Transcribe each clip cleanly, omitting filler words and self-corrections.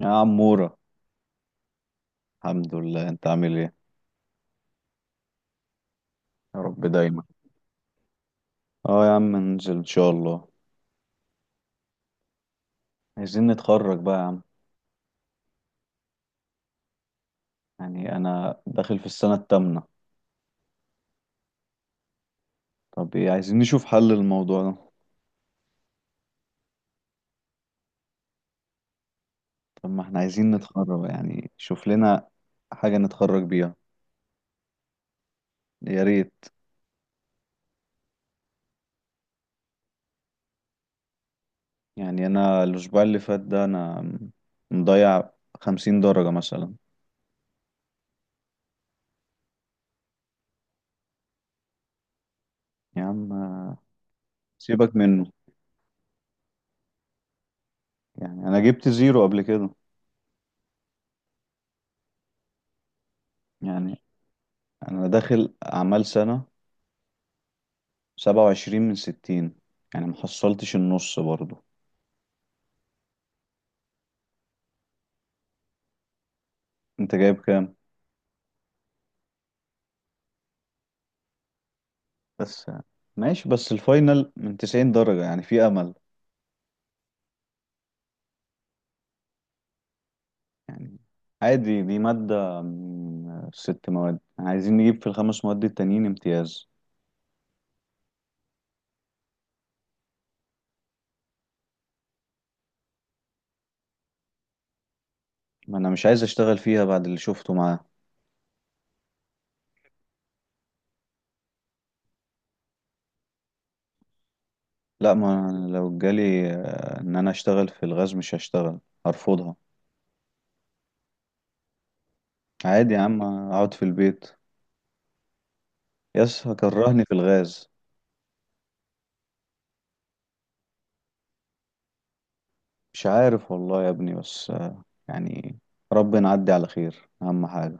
يا عمورة. الحمد لله، انت عامل ايه؟ يا رب دايما. اه يا عم، ننزل ان شاء الله. عايزين نتخرج بقى يا عم. يعني انا داخل في السنة التامنة. طب ايه؟ عايزين نشوف حل للموضوع ده. طب ما احنا عايزين نتخرج، يعني شوف لنا حاجة نتخرج بيها. يا ريت. يعني انا الاسبوع اللي فات ده انا مضيع 50 درجة مثلا. يا عم سيبك منه. يعني انا جبت زيرو قبل كده. يعني انا داخل اعمال سنة 27 من 60، يعني محصلتش النص برضو. انت جايب كام؟ بس ماشي، بس الفاينل من 90 درجة، يعني في أمل. يعني عادي، دي مادة من ست مواد، عايزين نجيب في الخمس مواد التانيين امتياز. ما أنا مش عايز أشتغل فيها بعد اللي شفته معاه. لا، ما أنا لو جالي إن أنا أشتغل في الغاز مش هشتغل، هرفضها. عادي يا عم، أقعد في البيت، يس هكرهني في الغاز. مش عارف والله يا ابني، بس يعني ربنا نعدي على خير، اهم حاجة.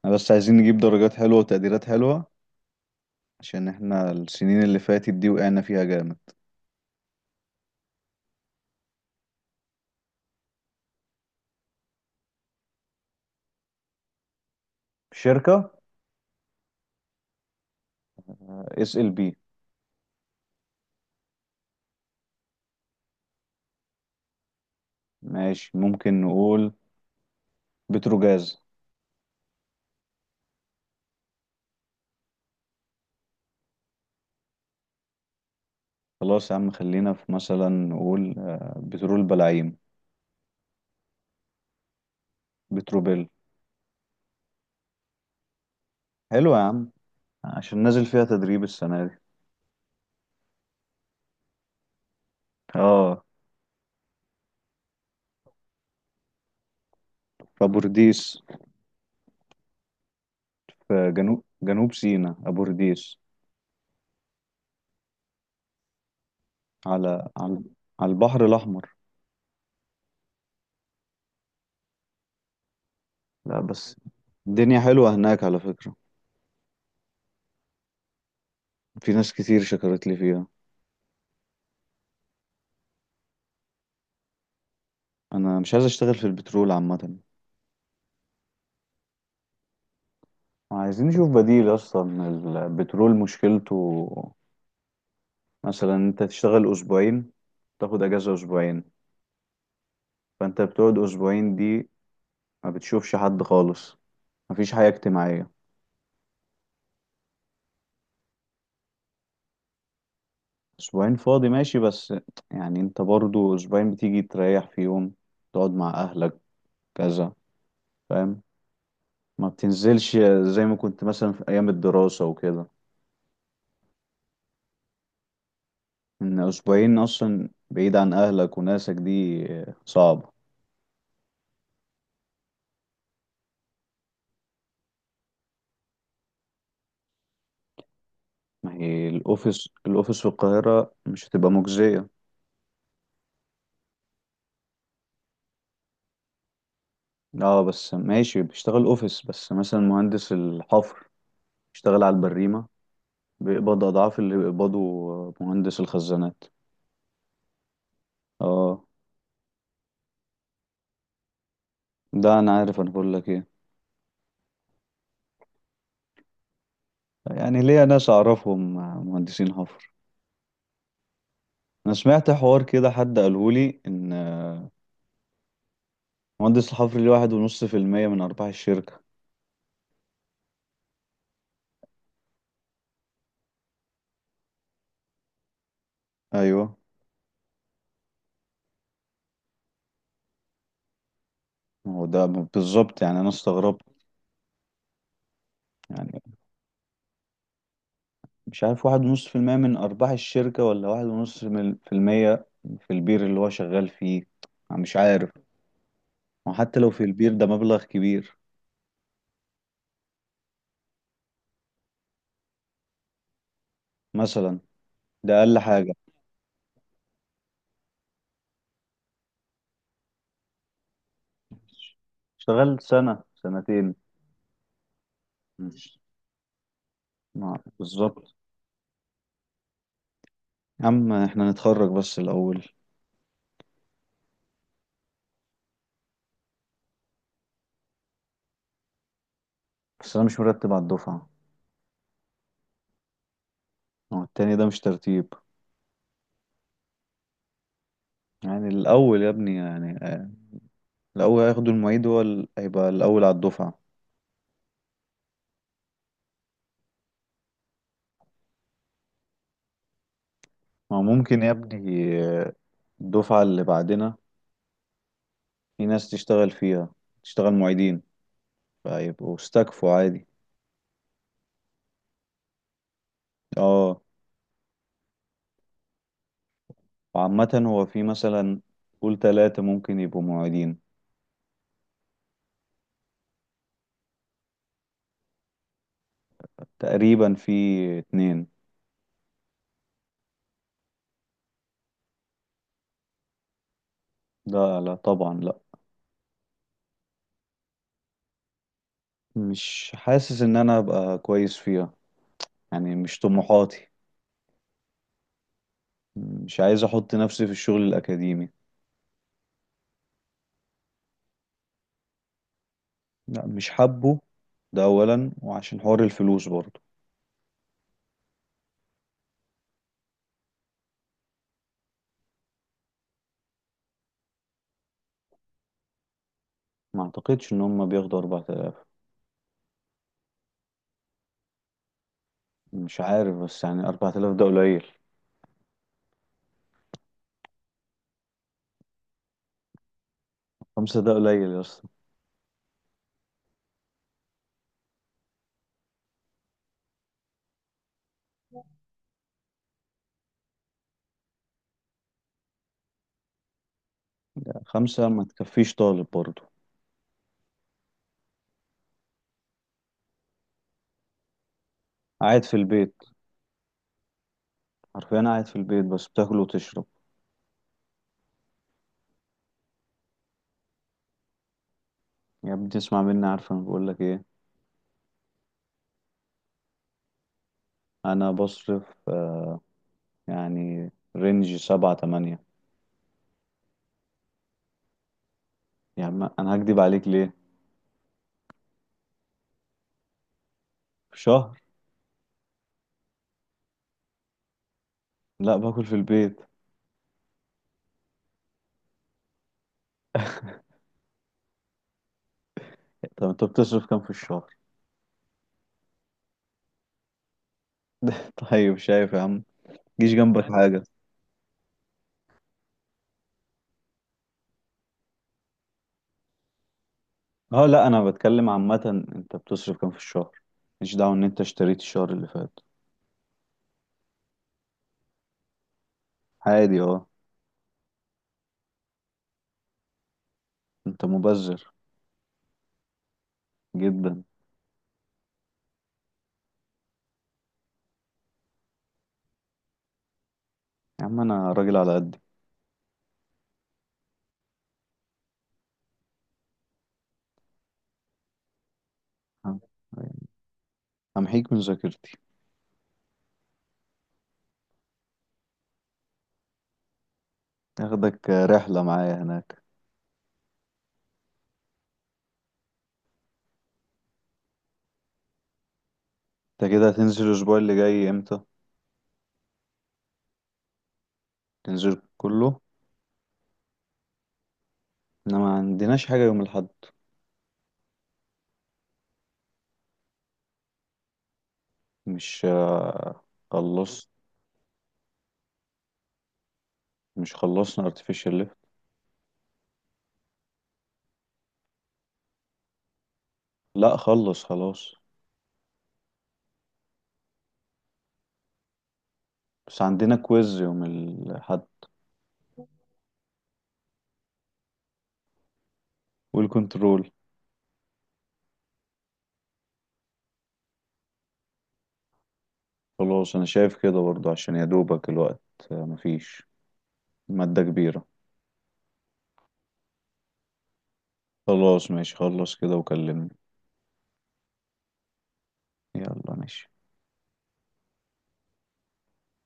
احنا بس عايزين نجيب درجات حلوة وتقديرات حلوة، عشان احنا السنين اللي فاتت دي وقعنا فيها جامد. شركة SLB. ماشي، ممكن نقول بتروجاز. خلاص يا عم، خلينا في مثلا نقول بترول بلاعيم. بتروبيل. حلو يا عم، عشان نازل فيها تدريب السنة دي. اه. في أبورديس، في جنوب جنوب سيناء أبورديس. على على البحر الأحمر. لا بس الدنيا حلوة هناك على فكرة، في ناس كتير شكرت لي فيها. أنا مش عايز أشتغل في البترول عامة، عايزين نشوف بديل أصلا. البترول مشكلته مثلا أنت تشتغل أسبوعين، تاخد أجازة أسبوعين، فأنت بتقعد أسبوعين دي ما بتشوفش حد خالص، مفيش حياة اجتماعية. أسبوعين فاضي ماشي، بس يعني أنت برضو أسبوعين بتيجي تريح في يوم، تقعد مع أهلك، كذا، فاهم؟ ما بتنزلش زي ما كنت مثلا في أيام الدراسة وكده. ان اسبوعين اصلا بعيد عن اهلك وناسك دي صعبة. ما هي الاوفيس، الاوفيس في القاهرة مش هتبقى مجزية. اه بس ماشي بيشتغل اوفيس، بس مثلا مهندس الحفر بيشتغل على البريمة، بيقبض اضعاف اللي بيقبضه مهندس الخزانات. اه، ده انا عارف، انا بقول لك ايه. يعني ليا ناس اعرفهم مهندسين حفر. انا سمعت حوار كده، حد قالهولي ان مهندس الحفر ليه 1.5% من ارباح الشركة. ايوه. ما هو ده بالظبط، يعني انا استغربت. يعني مش عارف 1.5% من أرباح الشركة، ولا واحد ونص في المية في البير اللي هو شغال فيه. أنا مش عارف. وحتى لو في البير ده مبلغ كبير. مثلا، ده أقل حاجة. اشتغلت سنة سنتين. مش. بالظبط. يا عم احنا نتخرج بس الأول. بس أنا مش مرتب على الدفعة. هو التاني ده مش ترتيب. يعني الأول يا ابني، يعني الأول هياخدوا المعيد، هو هيبقى الأول على الدفعة. ما ممكن يا ابني، الدفعة اللي بعدنا في ناس تشتغل فيها، تشتغل معيدين، فيبقوا استكفوا عادي. اه. وعامة هو في مثلا قول تلاتة ممكن يبقوا معيدين. تقريبا في اتنين. لا، لا طبعا، لا. مش حاسس ان انا ابقى كويس فيها، يعني مش طموحاتي، مش عايز احط نفسي في الشغل الاكاديمي. لا مش حابه. ده اولا، وعشان حوار الفلوس برضه. ما اعتقدش ان هم بياخدوا 4000. مش عارف، بس يعني 4000 ده قليل. خمسة ده قليل يا اسطى. خمسة ما تكفيش طالب برضه. قاعد في البيت، حرفيا قاعد في البيت بس بتاكل وتشرب. يا ابني تسمع مني، عارف انا بقول لك ايه. انا بصرف آه، يعني رينج 7 8. يعني ما انا هكدب عليك ليه. في شهر. لا باكل في البيت. طب انت بتصرف كام في الشهر؟ طيب شايف يا عم؟ جيش جنبك فاهم حاجة. اه لا انا بتكلم عامة، انت بتصرف كام في الشهر؟ مش دعوة ان انت اشتريت الشهر اللي فات. عادي اه. انت مبذر جدا. يا عم انا راجل على قدي. آه، همحيك من ذاكرتي. اخدك رحلة معايا هناك. انت كده هتنزل الاسبوع اللي جاي امتى؟ تنزل كله؟ احنا ما عندناش حاجة يوم الاحد. مش آه، خلص. مش خلصنا artificial lift؟ لا خلص خلاص. بس عندنا كويز يوم الاحد والكنترول. خلاص انا شايف كده برضو، عشان يا دوبك الوقت مفيش مادة كبيرة. خلاص ماشي، خلص كده وكلمني. يلا ماشي.